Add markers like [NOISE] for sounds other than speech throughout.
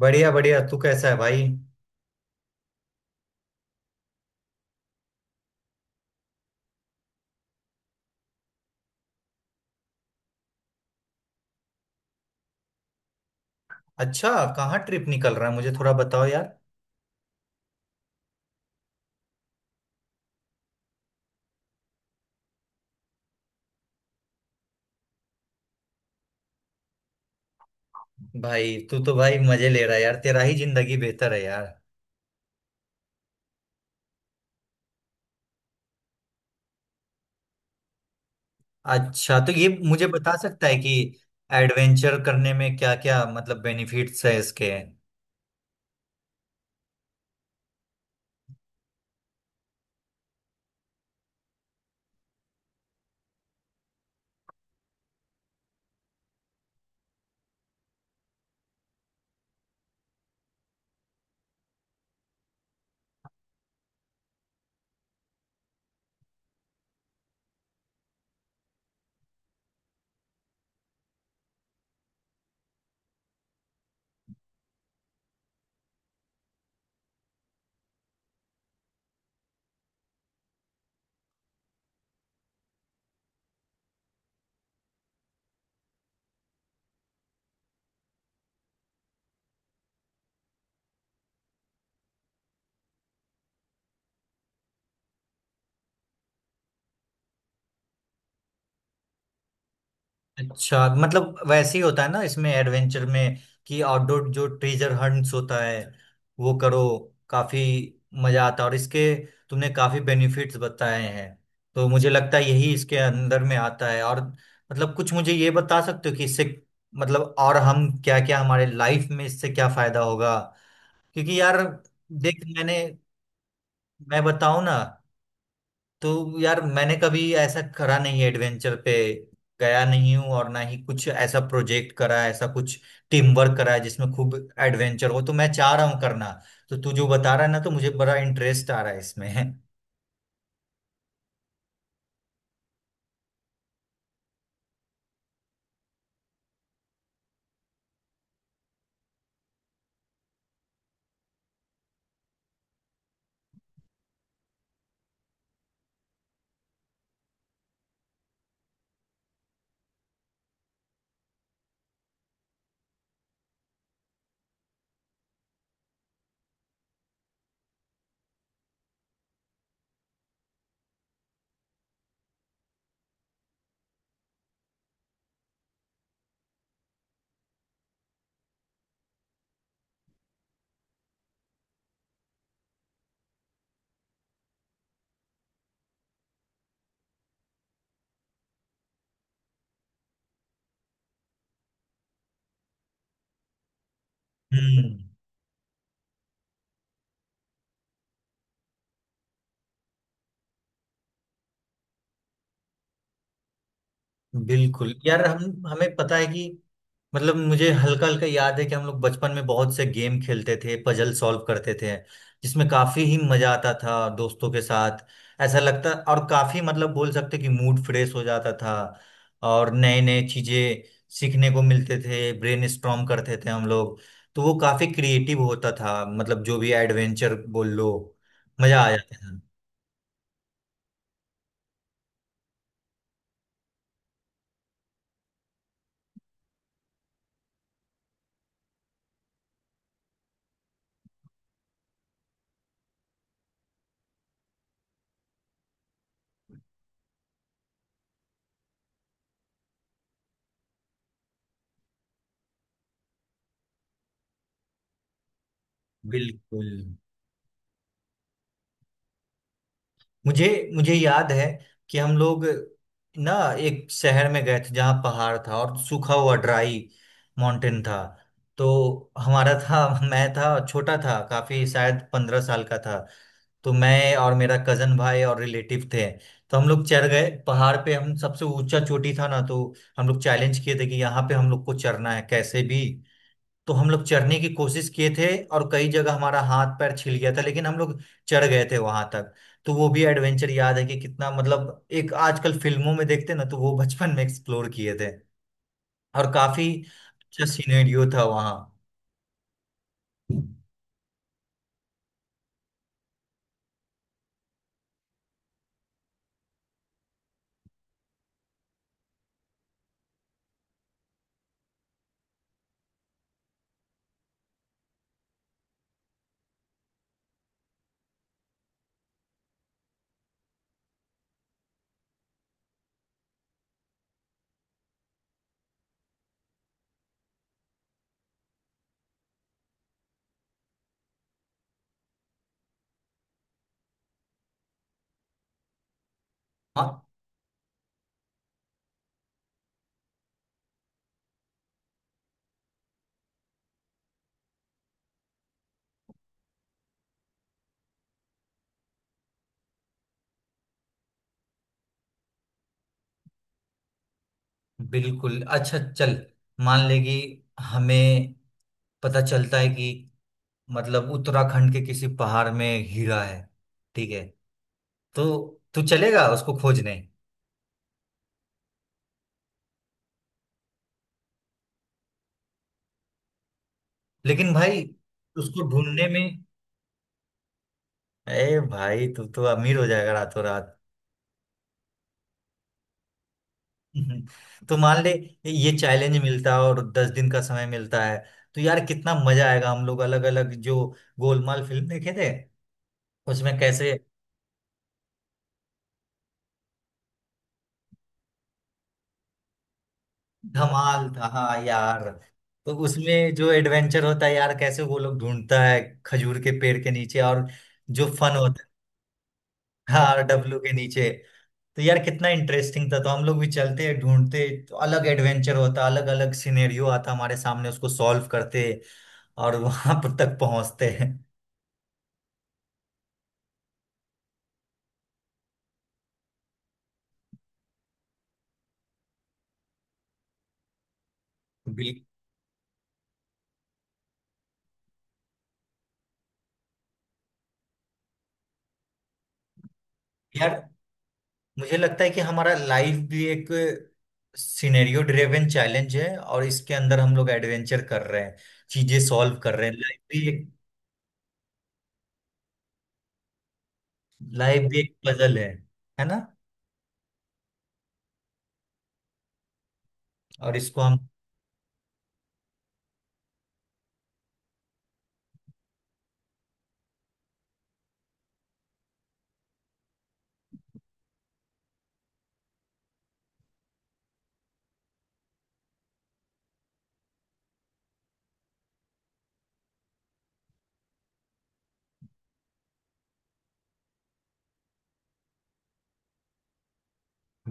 बढ़िया बढ़िया, तू कैसा है भाई। अच्छा, कहाँ ट्रिप निकल रहा है? मुझे थोड़ा बताओ यार। भाई, तू तो भाई मजे ले रहा है यार, तेरा ही जिंदगी बेहतर है यार। अच्छा, तो ये मुझे बता सकता है कि एडवेंचर करने में क्या क्या मतलब बेनिफिट्स है इसके? अच्छा, मतलब वैसे ही होता है ना इसमें एडवेंचर में, कि आउटडोर जो ट्रेजर हंट्स होता है वो करो। काफी मजा आता है, और इसके तुमने काफी बेनिफिट्स बताए हैं, तो मुझे लगता है यही इसके अंदर में आता है। और मतलब कुछ मुझे ये बता सकते हो कि इससे मतलब और हम क्या क्या, हमारे लाइफ में इससे क्या फायदा होगा? क्योंकि यार देख मैंने मैं बताऊं ना, तो यार मैंने कभी ऐसा करा नहीं है, एडवेंचर पे गया नहीं हूँ, और ना ही कुछ ऐसा प्रोजेक्ट करा है, ऐसा कुछ टीम वर्क करा है जिसमें खूब एडवेंचर हो, तो मैं चाह रहा हूँ करना। तो तू जो बता रहा है ना, तो मुझे बड़ा इंटरेस्ट आ रहा है इसमें। हम्म। [LAUGHS] बिल्कुल यार, हम हमें पता है कि मतलब मुझे हल्का हल्का याद है कि हम लोग बचपन में बहुत से गेम खेलते थे, पजल सॉल्व करते थे, जिसमें काफी ही मजा आता था दोस्तों के साथ। ऐसा लगता, और काफी मतलब बोल सकते कि मूड फ्रेश हो जाता था, और नए नए चीजें सीखने को मिलते थे, ब्रेन स्ट्रॉम करते थे हम लोग। तो वो काफी क्रिएटिव होता था, मतलब जो भी एडवेंचर बोल लो, मजा आ जाता था। बिल्कुल। मुझे मुझे याद है कि हम लोग ना एक शहर में गए थे जहाँ पहाड़ था, और सूखा हुआ ड्राई माउंटेन था। तो हमारा था, मैं था, छोटा था काफी, शायद 15 साल का था। तो मैं और मेरा कजन भाई और रिलेटिव थे। तो हम लोग चढ़ गए पहाड़ पे, हम सबसे ऊंचा चोटी था ना, तो हम लोग चैलेंज किए थे कि यहाँ पे हम लोग को चढ़ना है कैसे भी। तो हम लोग चढ़ने की कोशिश किए थे, और कई जगह हमारा हाथ पैर छिल गया था, लेकिन हम लोग चढ़ गए थे वहां तक। तो वो भी एडवेंचर याद है कि कितना, मतलब एक आजकल फिल्मों में देखते ना, तो वो बचपन में एक्सप्लोर किए थे। और काफी अच्छा सिनेरियो था वहाँ। हाँ। बिल्कुल, अच्छा चल। मान ले कि हमें पता चलता है कि मतलब उत्तराखंड के किसी पहाड़ में हीरा है, ठीक है? तो तू चलेगा उसको खोजने? लेकिन भाई उसको ढूंढने में, अरे भाई तू तो अमीर हो जाएगा रातों रात। [LAUGHS] तो मान ले, ये चैलेंज मिलता है और 10 दिन का समय मिलता है, तो यार कितना मजा आएगा। हम लोग अलग अलग, जो गोलमाल फिल्म देखे थे उसमें कैसे। धमाल था, हाँ यार। तो उसमें जो एडवेंचर होता है यार, कैसे वो लोग ढूंढता है खजूर के पेड़ के नीचे, और जो फन होता। हाँ, डब्लू के नीचे। तो यार कितना इंटरेस्टिंग था। तो हम लोग भी चलते ढूंढते, तो अलग एडवेंचर होता, अलग अलग सिनेरियो आता हमारे सामने, उसको सॉल्व करते और वहां पर तक पहुंचते हैं। बिल्कुल। यार मुझे लगता है कि हमारा लाइफ भी एक सिनेरियो ड्रिवन चैलेंज है, और इसके अंदर हम लोग एडवेंचर कर रहे हैं, चीजें सॉल्व कर रहे हैं। लाइफ भी एक, लाइफ भी एक पजल है ना? और इसको हम,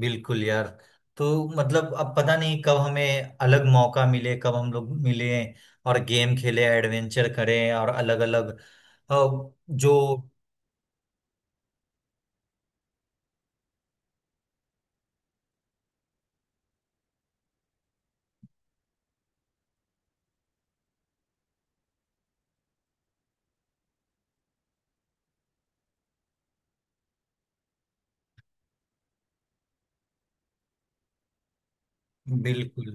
बिल्कुल यार। तो मतलब अब पता नहीं कब हमें अलग मौका मिले, कब हम लोग मिले और गेम खेले, एडवेंचर करें और अलग अलग जो। बिल्कुल।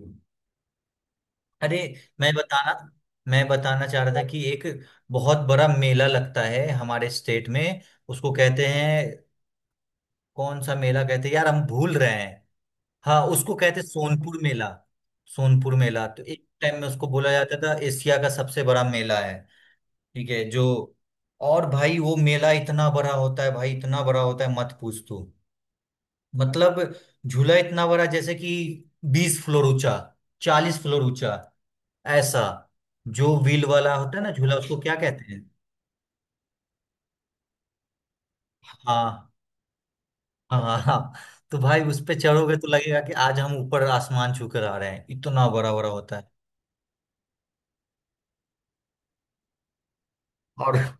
अरे मैं बताना मैं बताना चाह रहा था कि एक बहुत बड़ा मेला लगता है हमारे स्टेट में, उसको कहते हैं, कौन सा मेला कहते हैं यार, हम भूल रहे हैं। हाँ, उसको कहते हैं सोनपुर मेला। सोनपुर मेला तो एक टाइम में उसको बोला जाता था एशिया का सबसे बड़ा मेला है। ठीक है, जो। और भाई वो मेला इतना बड़ा होता है भाई, इतना बड़ा होता है मत पूछ तू। मतलब झूला इतना बड़ा, जैसे कि 20 फ्लोर ऊंचा, 40 फ्लोर ऊंचा, ऐसा। जो व्हील वाला होता है ना झूला, उसको क्या कहते हैं? हाँ, हाँ हाँ। तो भाई उस पे चढ़ोगे तो लगेगा कि आज हम ऊपर आसमान छू कर आ रहे हैं, इतना बड़ा बड़ा होता है। और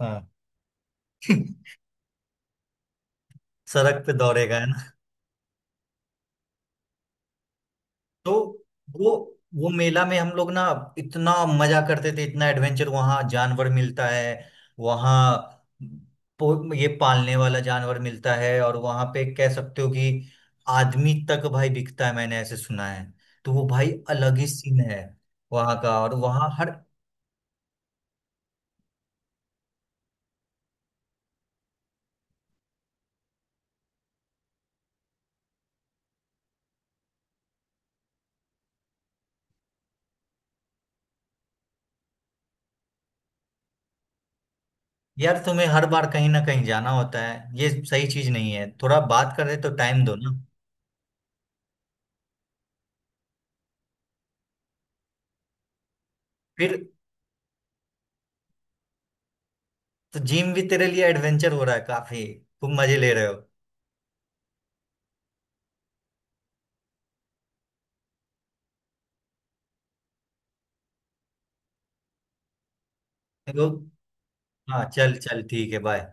हाँ। [LAUGHS] सड़क पे दौड़ेगा है। तो वो वो मेला में हम लोग ना इतना मजा करते थे, इतना एडवेंचर। वहां जानवर मिलता है, वहां ये पालने वाला जानवर मिलता है, और वहां पे कह सकते हो कि आदमी तक भाई बिकता है, मैंने ऐसे सुना है। तो वो भाई अलग ही सीन है वहां का। और वहां हर, यार तुम्हें हर बार कहीं ना कहीं जाना होता है, ये सही चीज नहीं है। थोड़ा बात कर रहे तो टाइम दो ना। फिर तो जिम भी तेरे लिए एडवेंचर हो रहा है काफी, तुम मजे ले रहे हो। तो हाँ, चल चल, ठीक है, बाय।